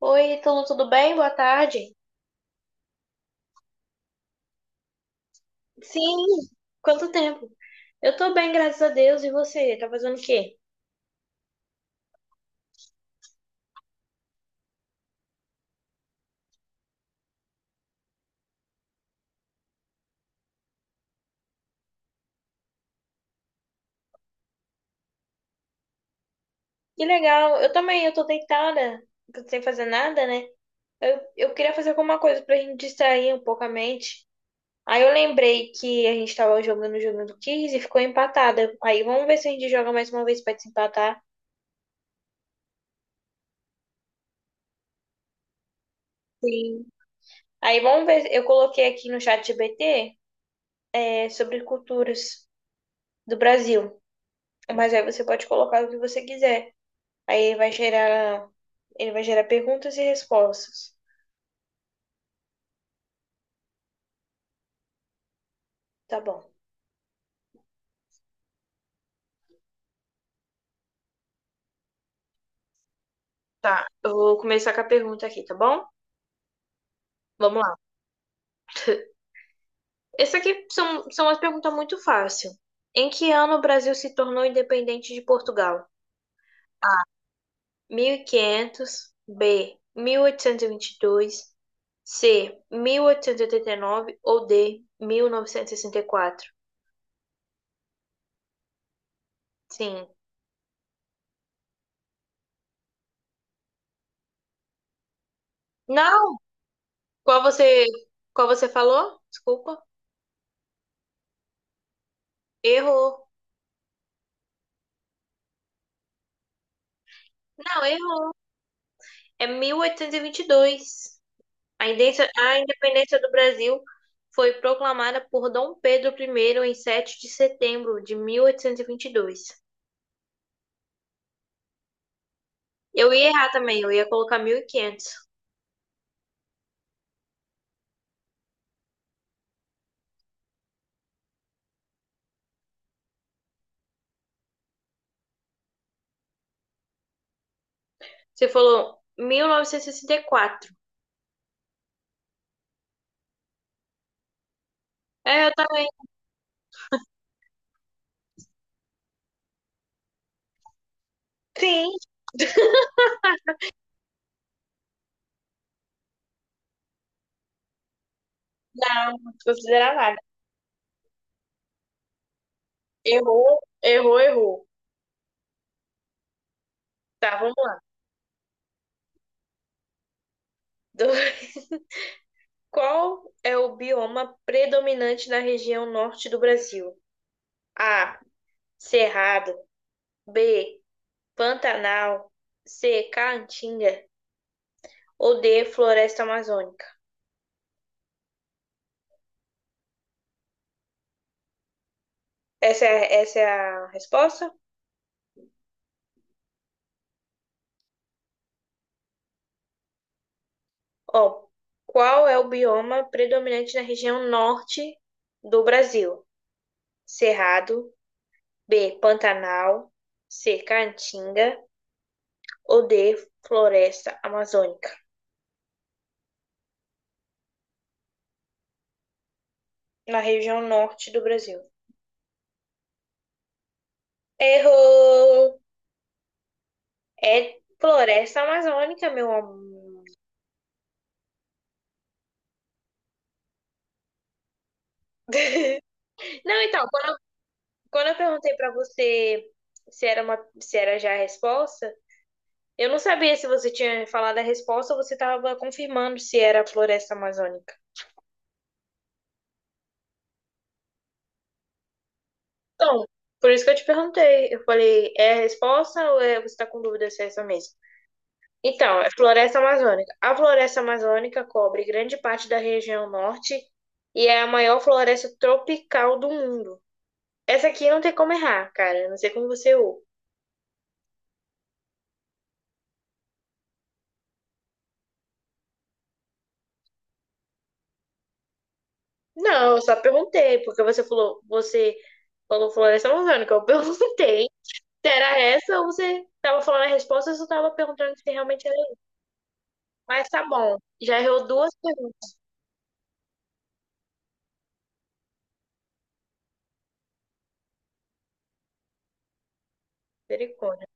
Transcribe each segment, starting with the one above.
Oi, Ítalo, tudo bem? Boa tarde. Sim, quanto tempo? Eu tô bem, graças a Deus. E você? Tá fazendo o quê? Que legal. Eu também, eu tô deitada, sem fazer nada, né? Eu queria fazer alguma coisa pra gente distrair um pouco a mente. Aí eu lembrei que a gente tava jogando o jogo do Kiss e ficou empatada. Aí vamos ver se a gente joga mais uma vez pra desempatar. Sim. Aí vamos ver, eu coloquei aqui no chat GBT, sobre culturas do Brasil. Mas aí você pode colocar o que você quiser. Aí ele vai gerar perguntas e respostas. Tá bom. Tá, eu vou começar com a pergunta aqui, tá bom? Vamos lá. Essa aqui são umas perguntas muito fáceis. Em que ano o Brasil se tornou independente de Portugal? 1500, B, Mil oitocentos e vinte e dois, C, Mil oitocentos e oitenta e nove ou D, Mil novecentos e sessenta e quatro. Sim. Não! Qual você, qual você falou? Desculpa. Errou. Não, errou. É mil oitocentos e vinte e dois. A independência do Brasil foi proclamada por Dom Pedro I em 7 de setembro de 1822. Eu ia errar também, eu ia colocar 1500. Você falou 1964. É, eu também. Sim, não, não considerar nada. Errou, errou, errou. Tá, vamos lá. Qual é o bioma predominante na região norte do Brasil? A. Cerrado. B. Pantanal. C. Caatinga. Ou D, floresta amazônica? Essa é a resposta? Ó, qual é o bioma predominante na região norte do Brasil? Cerrado, B, Pantanal, C, Caatinga ou D, floresta amazônica? Na região norte do Brasil. Errou! É floresta amazônica, meu amor. Não, então, quando, quando eu perguntei pra você se era já a resposta, eu não sabia se você tinha falado a resposta ou você estava confirmando se era a floresta amazônica. Então, por isso que eu te perguntei. Eu falei, é a resposta ou você está com dúvida se é essa mesmo? Então, é floresta amazônica. A floresta amazônica cobre grande parte da região norte e é a maior floresta tropical do mundo. Essa aqui não tem como errar, cara. Eu não sei como você errou. Não, eu só perguntei, porque você falou floresta amazônica. Eu perguntei. Era essa ou você tava falando a resposta ou você tava perguntando se realmente era isso? Mas tá bom, já errou duas perguntas, misericórdia.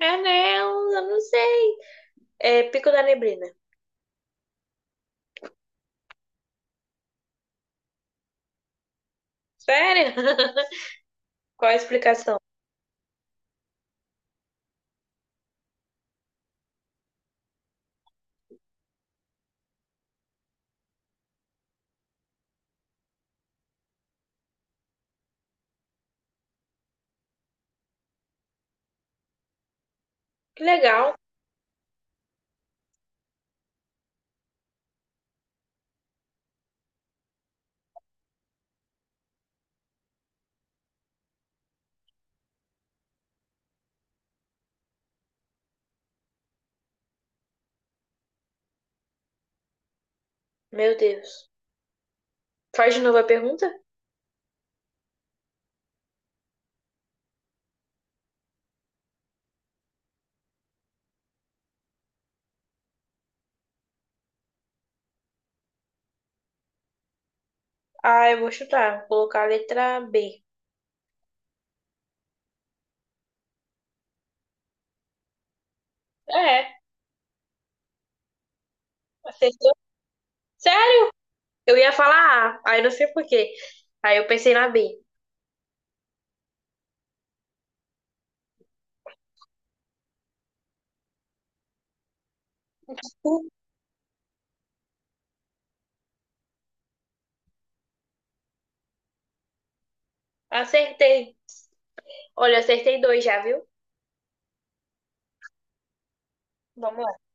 Não, eu não sei. É Pico da Neblina. Sério? Qual a explicação? Que legal. Meu Deus. Faz de novo a pergunta? Ah, eu vou chutar. Vou colocar a letra B. É, acertou. Sério? Eu ia falar A, aí não sei por quê. Aí eu pensei na B. Uh, acertei. Olha, acertei dois já, viu? Vamos lá.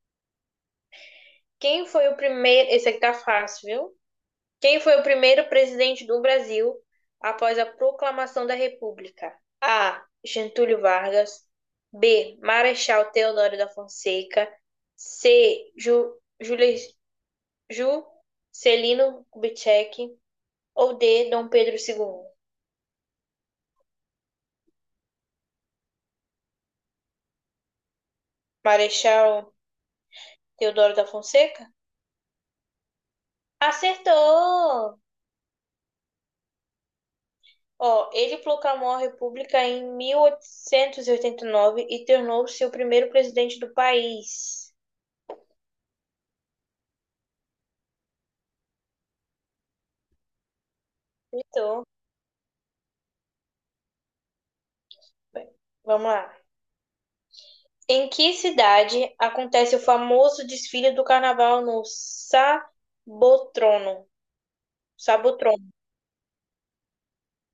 Quem foi o primeiro? Esse aqui tá fácil, viu? Quem foi o primeiro presidente do Brasil após a proclamação da República? A. Getúlio Vargas. B. Marechal Deodoro da Fonseca. C. Juscelino Kubitschek. Ou D. Dom Pedro II. Marechal Deodoro da Fonseca? Acertou! Ó, ele proclamou a República em mil oitocentos e oitenta e nove e tornou-se o primeiro presidente do país. Então vamos lá. Em que cidade acontece o famoso desfile do carnaval no Sabotrono? Sabotrono.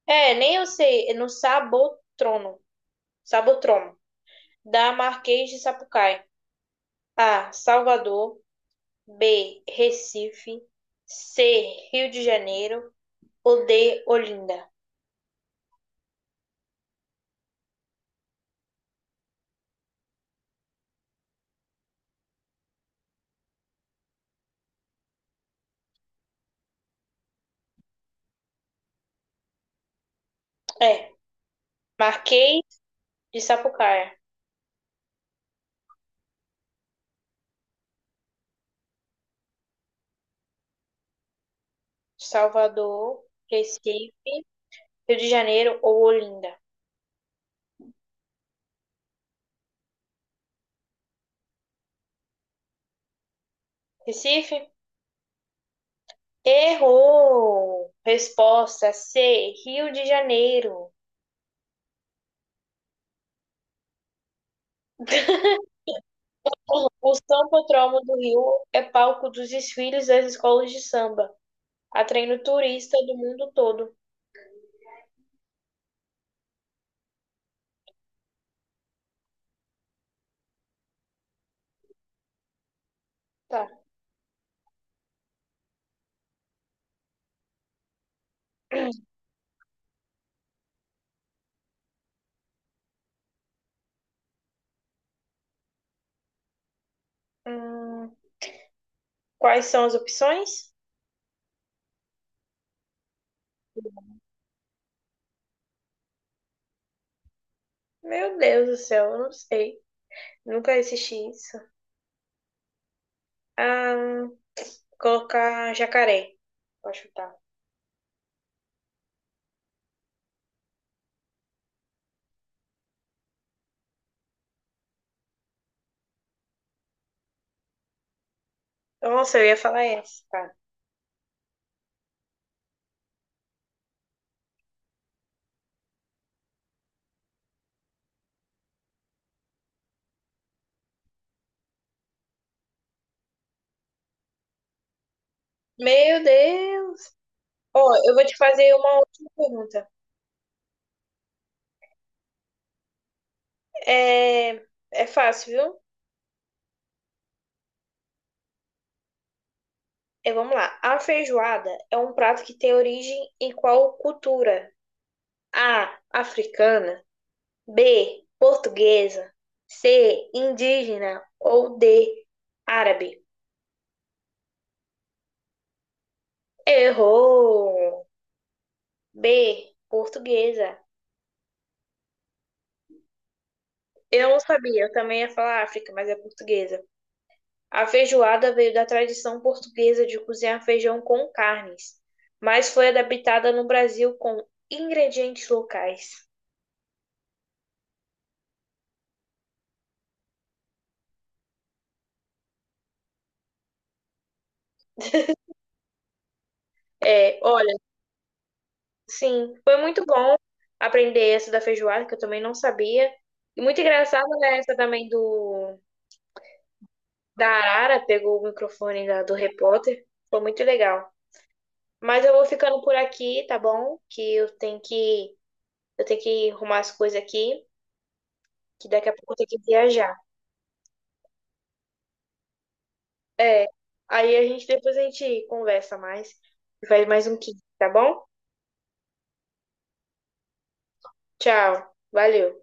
É, nem eu sei. É no Sabotrono. Sabotrono. Da Marquês de Sapucaí. A. Salvador. B. Recife. C. Rio de Janeiro. Ou D. Olinda. É. Marquês de Sapucaí. Salvador. Recife. Rio de Janeiro ou Olinda. Recife? Errou! Resposta C, Rio de Janeiro. O Sambódromo do Rio é palco dos desfiles das escolas de samba, atraindo turista do mundo todo. Tá. Hum, quais são as opções? Meu Deus do céu, eu não sei. Nunca assisti isso. Ah, colocar jacaré. Vou chutar. Nossa, eu ia falar essa, cara. Meu Deus! Ó, eu vou te fazer uma última pergunta. É, é fácil, viu? É, vamos lá. A feijoada é um prato que tem origem em qual cultura? A. Africana. B. Portuguesa. C. Indígena. Ou D. Árabe. Errou! B. Portuguesa. Eu não sabia, eu também ia falar África, mas é portuguesa. A feijoada veio da tradição portuguesa de cozinhar feijão com carnes, mas foi adaptada no Brasil com ingredientes locais. É, olha. Sim, foi muito bom aprender essa da feijoada, que eu também não sabia. E muito engraçado né, essa também do da Arara, pegou o microfone do repórter. Foi muito legal. Mas eu vou ficando por aqui, tá bom? Que eu tenho que eu tenho que arrumar as coisas aqui, que daqui a pouco eu tenho que viajar. É. Aí a gente depois a gente conversa mais, faz mais um kit, tá bom? Tchau. Valeu.